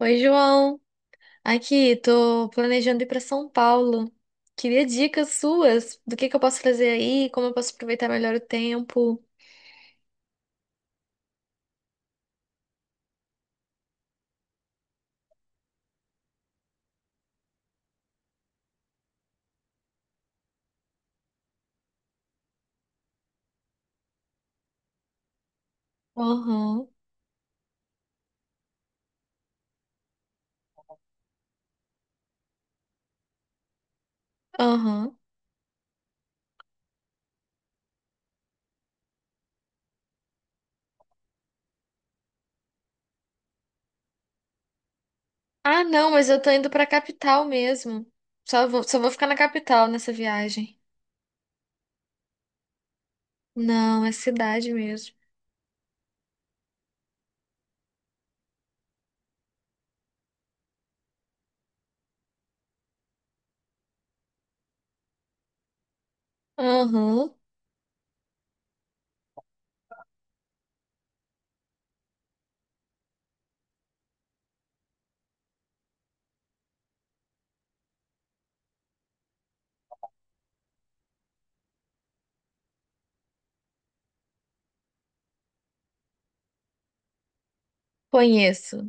Oi, João. Aqui, tô planejando ir para São Paulo. Queria dicas suas do que eu posso fazer aí, como eu posso aproveitar melhor o tempo. Aham, aham. Ah, não, mas eu tô indo pra capital mesmo. Só vou ficar na capital nessa viagem. Não, é cidade mesmo. Aham, conheço.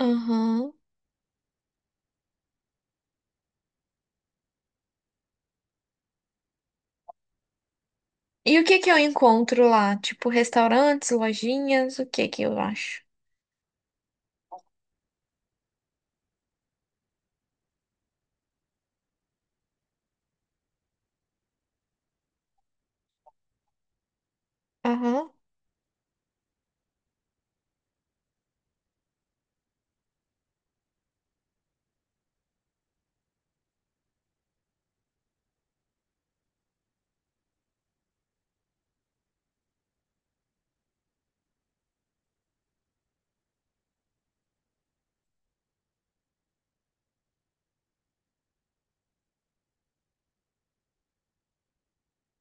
Aham. E o que que eu encontro lá? Tipo, restaurantes, lojinhas, o que que eu acho? Aham.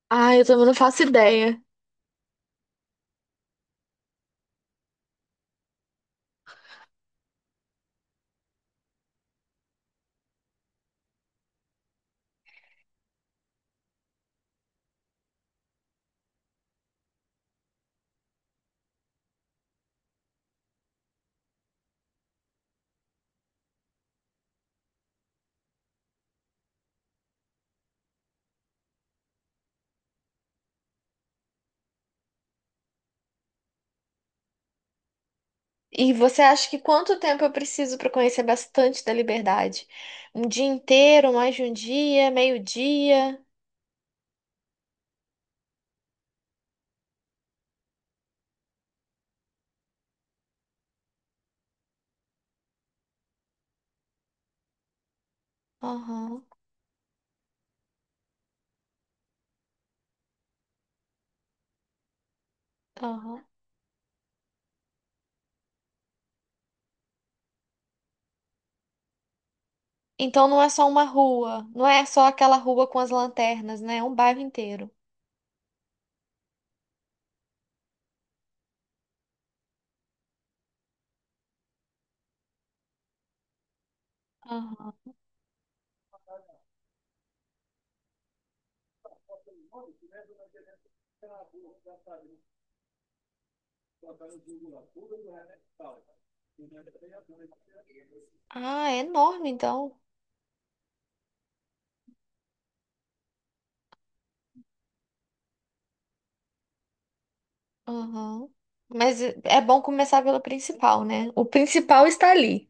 Ah, eu também não faço ideia. E você acha que quanto tempo eu preciso para conhecer bastante da liberdade? Um dia inteiro, mais de um dia, meio-dia? Aham, aham. Então não é só uma rua, não é só aquela rua com as lanternas, né? É um bairro inteiro. Aham. Ah, é enorme então. Aham. Mas é bom começar pelo principal, né? O principal está ali.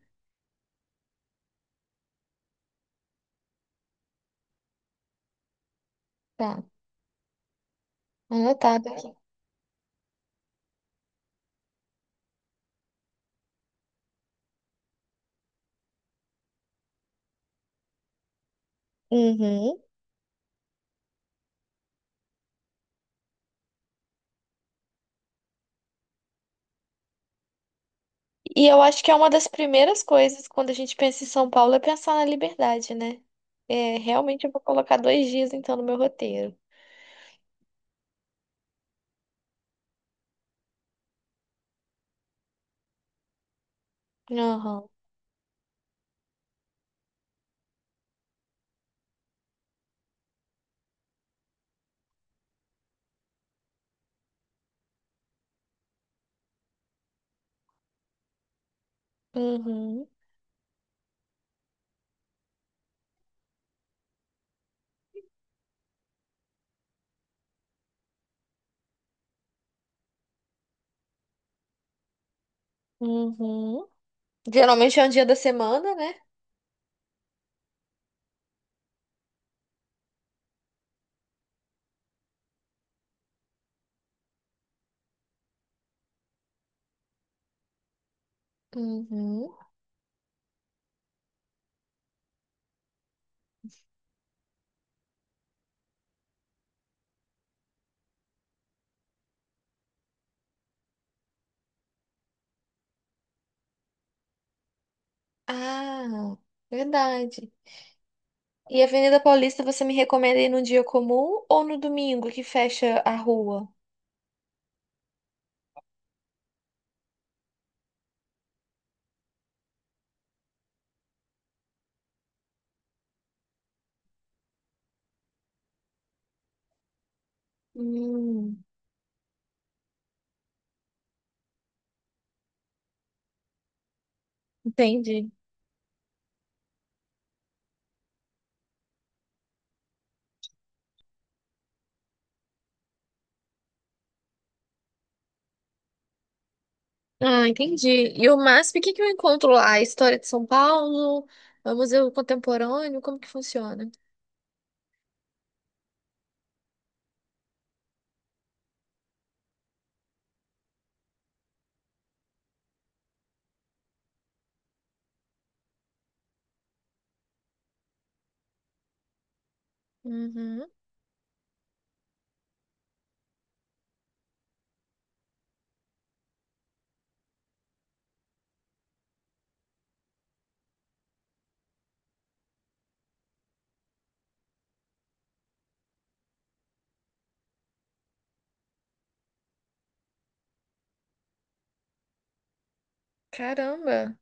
Tá, anotado aqui. Uhum. E eu acho que é uma das primeiras coisas quando a gente pensa em São Paulo é pensar na liberdade, né? É, realmente eu vou colocar 2 dias então no meu roteiro. Aham. Uhum. Uhum. Geralmente é um dia da semana, né? Uhum. Ah, verdade. E a Avenida Paulista você me recomenda ir num dia comum ou no domingo que fecha a rua? Hum, entendi. Ah, entendi. E o MASP, o que que eu encontro lá? A história de São Paulo? É o Museu Contemporâneo? Como que funciona? Uhum. Caramba,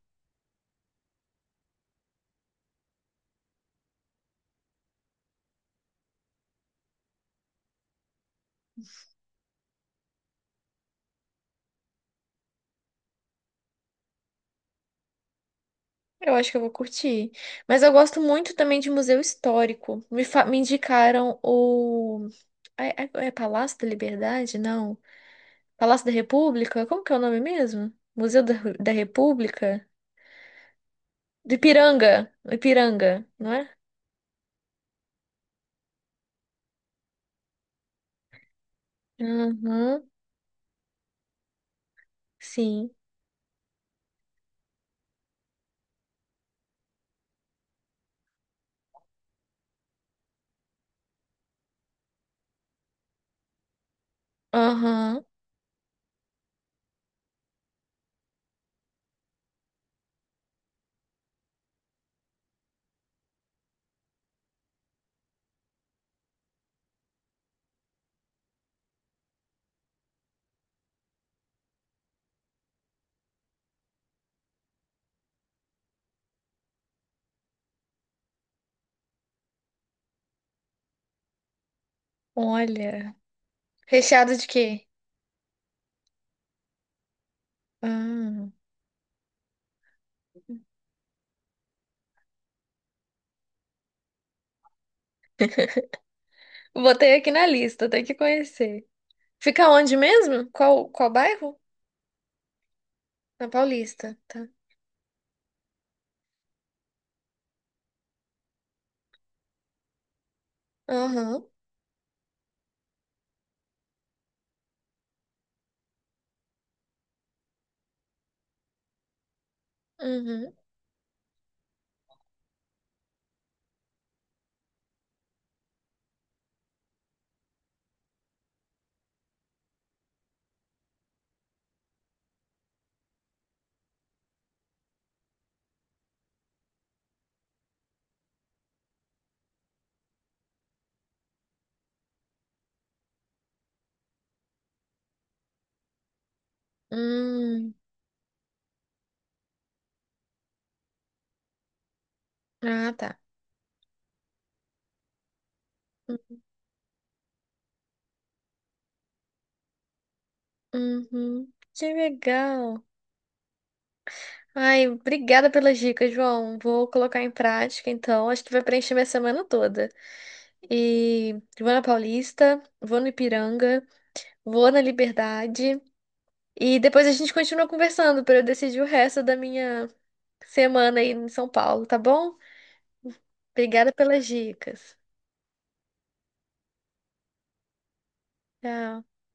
eu acho que eu vou curtir. Mas eu gosto muito também de museu histórico. Me, me indicaram o. É Palácio da Liberdade? Não. Palácio da República? Como que é o nome mesmo? Museu da, da República? Do Ipiranga. Ipiranga, não é? Uhum, sim. Aham, olha. Recheado de quê? Ah, botei aqui na lista, tem que conhecer. Fica onde mesmo? Qual bairro? Na Paulista, tá. Aham, uhum, hum, ah, tá. Uhum, que legal. Ai, obrigada pelas dicas, João. Vou colocar em prática, então. Acho que vai preencher minha semana toda. E vou na Paulista, vou no Ipiranga, vou na Liberdade. E depois a gente continua conversando para eu decidir o resto da minha semana aí em São Paulo, tá bom? Obrigada pelas dicas. Tchau.